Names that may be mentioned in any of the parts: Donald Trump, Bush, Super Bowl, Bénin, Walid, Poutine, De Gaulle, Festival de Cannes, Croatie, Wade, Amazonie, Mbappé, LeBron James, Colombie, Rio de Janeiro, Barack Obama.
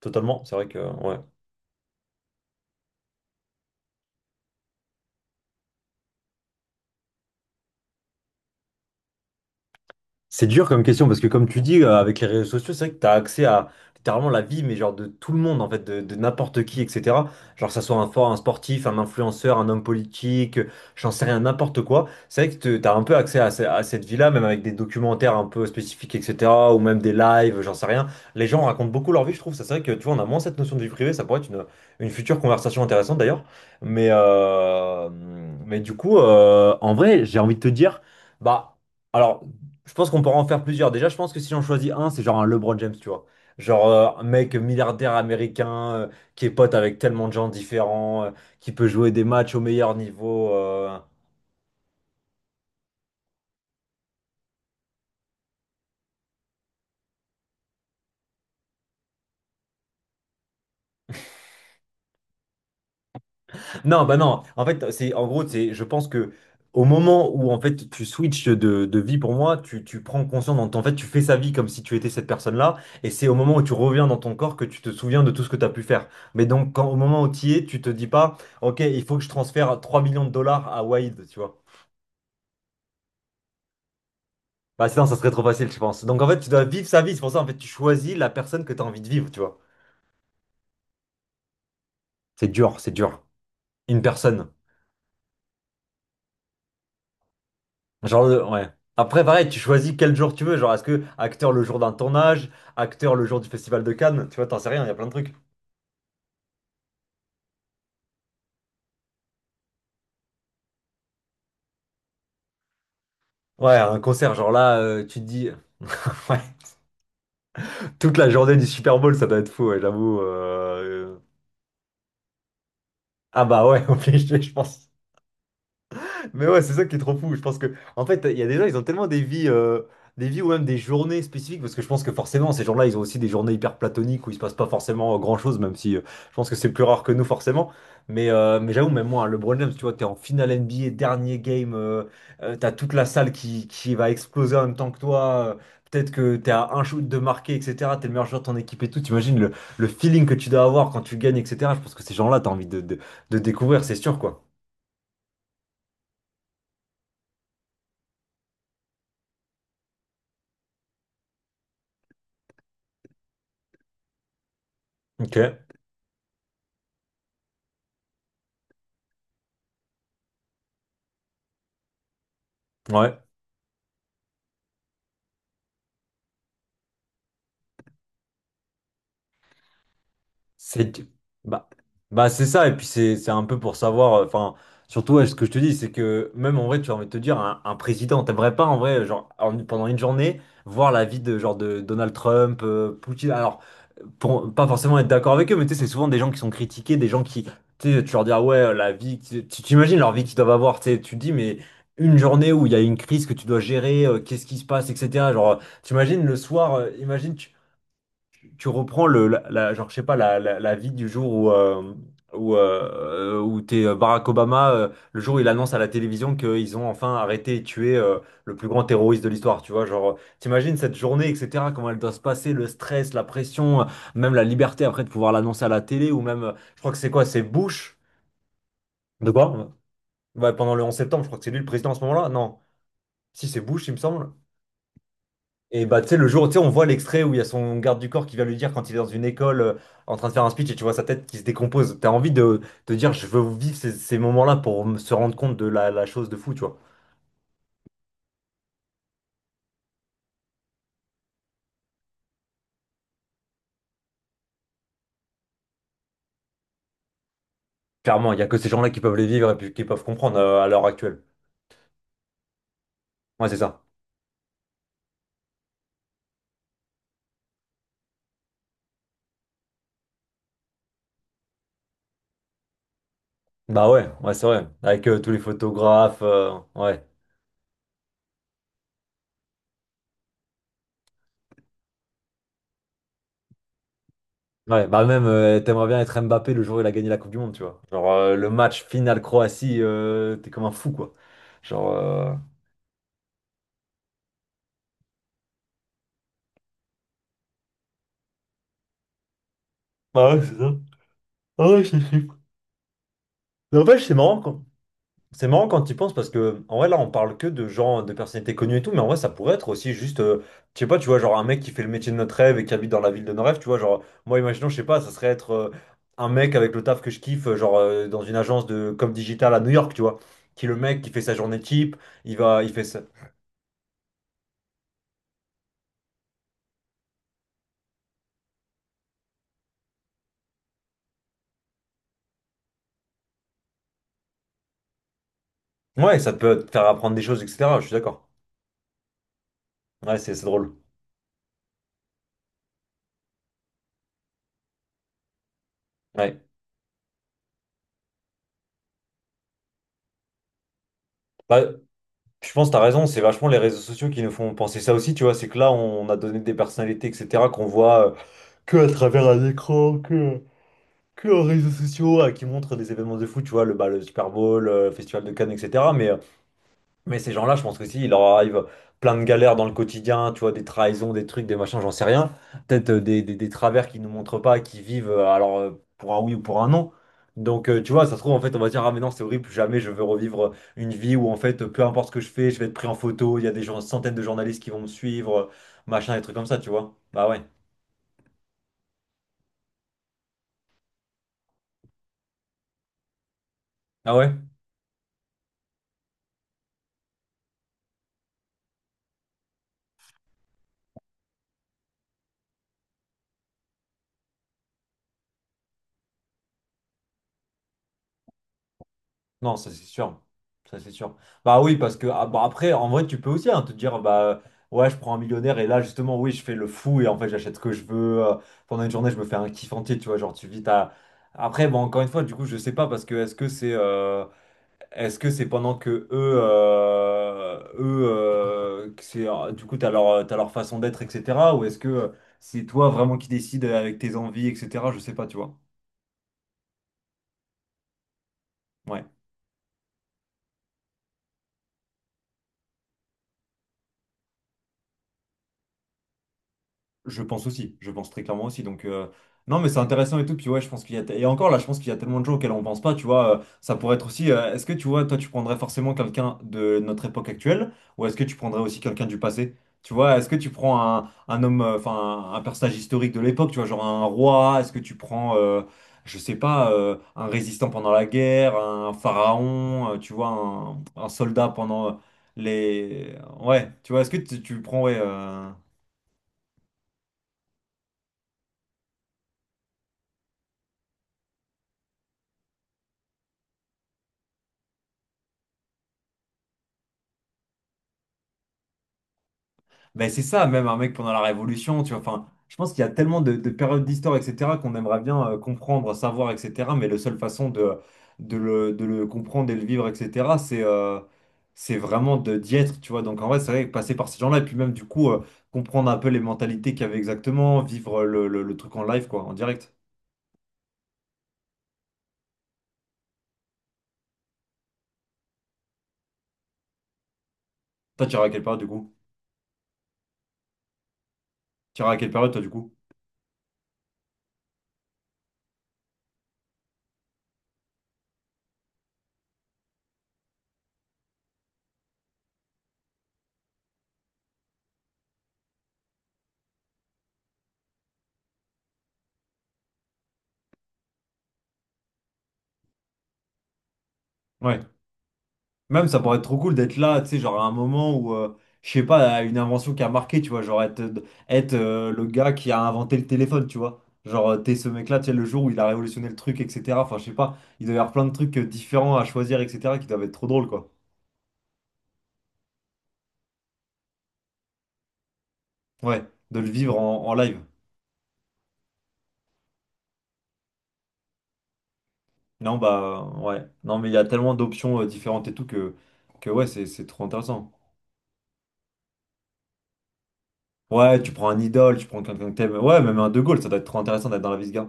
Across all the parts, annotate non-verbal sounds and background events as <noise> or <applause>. Totalement, c'est vrai que ouais. C'est dur comme question parce que comme tu dis, avec les réseaux sociaux, c'est vrai que tu as accès à littéralement la vie, mais genre de tout le monde, en fait, de n'importe qui, etc. Genre que ça soit un, fort, un sportif, un influenceur, un homme politique, j'en sais rien, n'importe quoi. C'est vrai que tu as un peu accès à, à cette vie-là, même avec des documentaires un peu spécifiques, etc. Ou même des lives, j'en sais rien. Les gens racontent beaucoup leur vie, je trouve. Ça, c'est vrai que tu vois, on a moins cette notion de vie privée, ça pourrait être une future conversation intéressante d'ailleurs. Mais, euh, mais du coup, en vrai, j'ai envie de te dire, bah. Alors, je pense qu'on pourra en faire plusieurs. Déjà, je pense que si j'en choisis un, c'est genre un LeBron James, tu vois. Genre un mec milliardaire américain qui est pote avec tellement de gens différents, qui peut jouer des matchs au meilleur niveau. Non, bah non. En fait, c'est en gros, je pense que au moment où en fait tu switches de vie pour moi, tu prends conscience, en fait, tu fais sa vie comme si tu étais cette personne-là, et c'est au moment où tu reviens dans ton corps que tu te souviens de tout ce que tu as pu faire. Mais donc, quand, au moment où tu y es, tu te dis pas, ok, il faut que je transfère 3 millions de dollars à Wade, tu vois. Bah sinon, ça serait trop facile, je pense. Donc en fait, tu dois vivre sa vie. C'est pour ça, en fait, tu choisis la personne que tu as envie de vivre, tu vois. C'est dur, c'est dur. Une personne. Genre, ouais. Après, pareil, tu choisis quel jour tu veux. Genre, est-ce que acteur le jour d'un tournage, acteur le jour du Festival de Cannes, tu vois, t'en sais rien, il y a plein de trucs. Ouais, un concert, genre là, tu te dis. <laughs> Ouais, toute la journée du Super Bowl, ça doit être fou, ouais, j'avoue. Ah bah ouais, <laughs> obligé, je pense. Mais ouais, c'est ça qui est trop fou. Je pense que, en fait, il y a des gens, ils ont tellement des vies ou même des journées spécifiques, parce que je pense que forcément, ces gens-là, ils ont aussi des journées hyper platoniques où il se passe pas forcément grand-chose, même si je pense que c'est plus rare que nous, forcément. Mais j'avoue, même moi, le LeBron James, tu vois, t'es en finale NBA, dernier game, t'as toute la salle qui va exploser en même temps que toi. Peut-être que t'es à un shoot de marquer, etc. T'es le meilleur joueur de ton équipe et tout. T'imagines le feeling que tu dois avoir quand tu gagnes, etc. Je pense que ces gens-là, t'as envie de découvrir, c'est sûr, quoi. Ok, ouais. C'est que- bah, bah c'est ça, et puis c'est un peu pour savoir, enfin, surtout ouais, ce que je te dis, c'est que même en vrai, tu as envie de te dire, un président, t'aimerais pas en vrai, genre, pendant une journée, voir la vie de genre de Donald Trump, Poutine, alors, pour pas forcément être d'accord avec eux, mais tu sais, c'est souvent des gens qui sont critiqués, des gens qui, tu sais, tu leur dis, ah ouais, la vie, t'imagines leur vie qu'ils doivent avoir, tu sais, tu te dis, mais une journée où il y a une crise que tu dois gérer, qu'est-ce qui se passe, etc. Genre, t'imagines le soir, imagine, tu reprends genre, je sais pas, la vie du jour où t'es Barack Obama, le jour où il annonce à la télévision qu'ils ont enfin arrêté et tué le plus grand terroriste de l'histoire, tu vois, genre, t'imagines cette journée, etc., comment elle doit se passer, le stress, la pression, même la liberté après de pouvoir l'annoncer à la télé, ou même, je crois que c'est quoi, c'est Bush, de quoi? Ouais, pendant le 11 septembre, je crois que c'est lui le président à ce moment-là, non, si c'est Bush, il me semble. Et bah, tu sais, le jour, tu sais, on voit l'extrait où il y a son garde du corps qui vient lui dire quand il est dans une école en train de faire un speech et tu vois sa tête qui se décompose. T'as envie de dire, je veux vivre ces moments-là pour se rendre compte de la chose de fou, tu vois. Clairement, il n'y a que ces gens-là qui peuvent les vivre et puis qui peuvent comprendre à l'heure actuelle. Ouais, c'est ça. Bah ouais, ouais, c'est vrai. Avec tous les photographes, ouais. Ouais, bah même, t'aimerais bien être Mbappé le jour où il a gagné la Coupe du Monde, tu vois. Genre, le match final Croatie, t'es comme un fou, quoi. Genre. Ah ouais, c'est ça. Ah ouais, je suis. Mais en fait, c'est marrant, quoi. C'est marrant quand tu y penses parce que en vrai là on parle que de gens, de personnalités connues et tout, mais en vrai ça pourrait être aussi juste, je sais pas, tu vois, genre un mec qui fait le métier de notre rêve et qui habite dans la ville de nos rêves, tu vois, genre moi imaginons, je sais pas, ça serait être un mec avec le taf que je kiffe, genre dans une agence de com digital à New York, tu vois, qui est le mec qui fait sa journée type, il fait ça. Ouais, ça peut te faire apprendre des choses, etc. Je suis d'accord. Ouais, c'est drôle. Ouais. Bah, je pense que t'as raison, c'est vachement les réseaux sociaux qui nous font penser ça aussi, tu vois, c'est que là on a donné des personnalités, etc. qu'on voit. Que à travers un écran, que en réseaux sociaux, qui montrent des événements de foot, tu vois, le Super Bowl, le Festival de Cannes, etc. Mais ces gens-là, je pense que si, il leur arrive plein de galères dans le quotidien, tu vois, des trahisons, des trucs, des machins, j'en sais rien. Peut-être des travers qu'ils ne nous montrent pas, qui vivent, alors, pour un oui ou pour un non. Donc, tu vois, ça se trouve, en fait, on va dire, ah, mais non, c'est horrible, plus jamais je veux revivre une vie où, en fait, peu importe ce que je fais, je vais être pris en photo, il y a des gens, centaines de journalistes qui vont me suivre, machin, des trucs comme ça, tu vois. Bah ouais. Ah ouais? Non, ça c'est sûr. Ça c'est sûr. Bah oui, parce que ah, bah, après, en vrai, tu peux aussi hein, te dire, bah ouais, je prends un millionnaire et là, justement, oui, je fais le fou et en fait, j'achète ce que je veux. Pendant une journée, je me fais un kiff entier, tu vois. Genre, tu vis ta. Après, bon, encore une fois, du coup, je sais pas parce que est-ce que c'est pendant que eux, que c'est, du coup, t'as leur façon d'être, etc. Ou est-ce que c'est toi vraiment qui décides avec tes envies, etc. Je sais pas, tu vois. Ouais. Je pense aussi, je pense très clairement aussi. Donc, non, mais c'est intéressant et tout. Puis, ouais, je pense qu'il y a. Et encore là, je pense qu'il y a tellement de gens auxquels on pense pas, tu vois. Ça pourrait être aussi. Est-ce que tu vois, toi, tu prendrais forcément quelqu'un de notre époque actuelle ou est-ce que tu prendrais aussi quelqu'un du passé? Tu vois, est-ce que tu prends un homme, enfin, un personnage historique de l'époque, tu vois, genre un roi? Est-ce que tu prends, je sais pas, un résistant pendant la guerre, un pharaon, tu vois, un soldat pendant les. Ouais, tu vois, est-ce que tu prends, ouais. Ben c'est ça, même un mec pendant la Révolution, tu vois. Enfin, je pense qu'il y a tellement de périodes d'histoire, etc., qu'on aimerait bien comprendre, savoir, etc. Mais la seule façon de le comprendre et le vivre, etc., c'est vraiment de d'y être, tu vois. Donc en vrai, c'est vrai que passer par ces gens-là, et puis même du coup, comprendre un peu les mentalités qu'il y avait exactement, vivre le truc en live, quoi, en direct. Toi, tu iras à quelle période du coup? Tu iras à quelle période, toi, du coup? Ouais. Même ça pourrait être trop cool d'être là, tu sais, genre à un moment où, je sais pas, une invention qui a marqué, tu vois, genre être le gars qui a inventé le téléphone, tu vois. Genre, t'es ce mec-là, tu sais, le jour où il a révolutionné le truc, etc. Enfin, je sais pas, il doit y avoir plein de trucs différents à choisir, etc., qui doivent être trop drôles, quoi. Ouais, de le vivre en live. Non, bah, ouais. Non, mais il y a tellement d'options différentes et tout que, ouais, c'est trop intéressant. Ouais, tu prends un idole, tu prends quelqu'un que t'aimes. Ouais, même un De Gaulle, ça doit être trop intéressant d'être dans la vie de ce gars.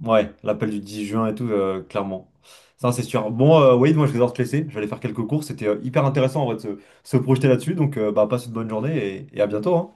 Ouais, l'appel du 10 juin et tout, clairement. Ça, c'est sûr. Bon, Walid, moi, je vais devoir te laisser. Je vais aller faire quelques courses. C'était hyper intéressant, en vrai, de se projeter là-dessus. Donc, bah, passe une bonne journée et à bientôt, hein.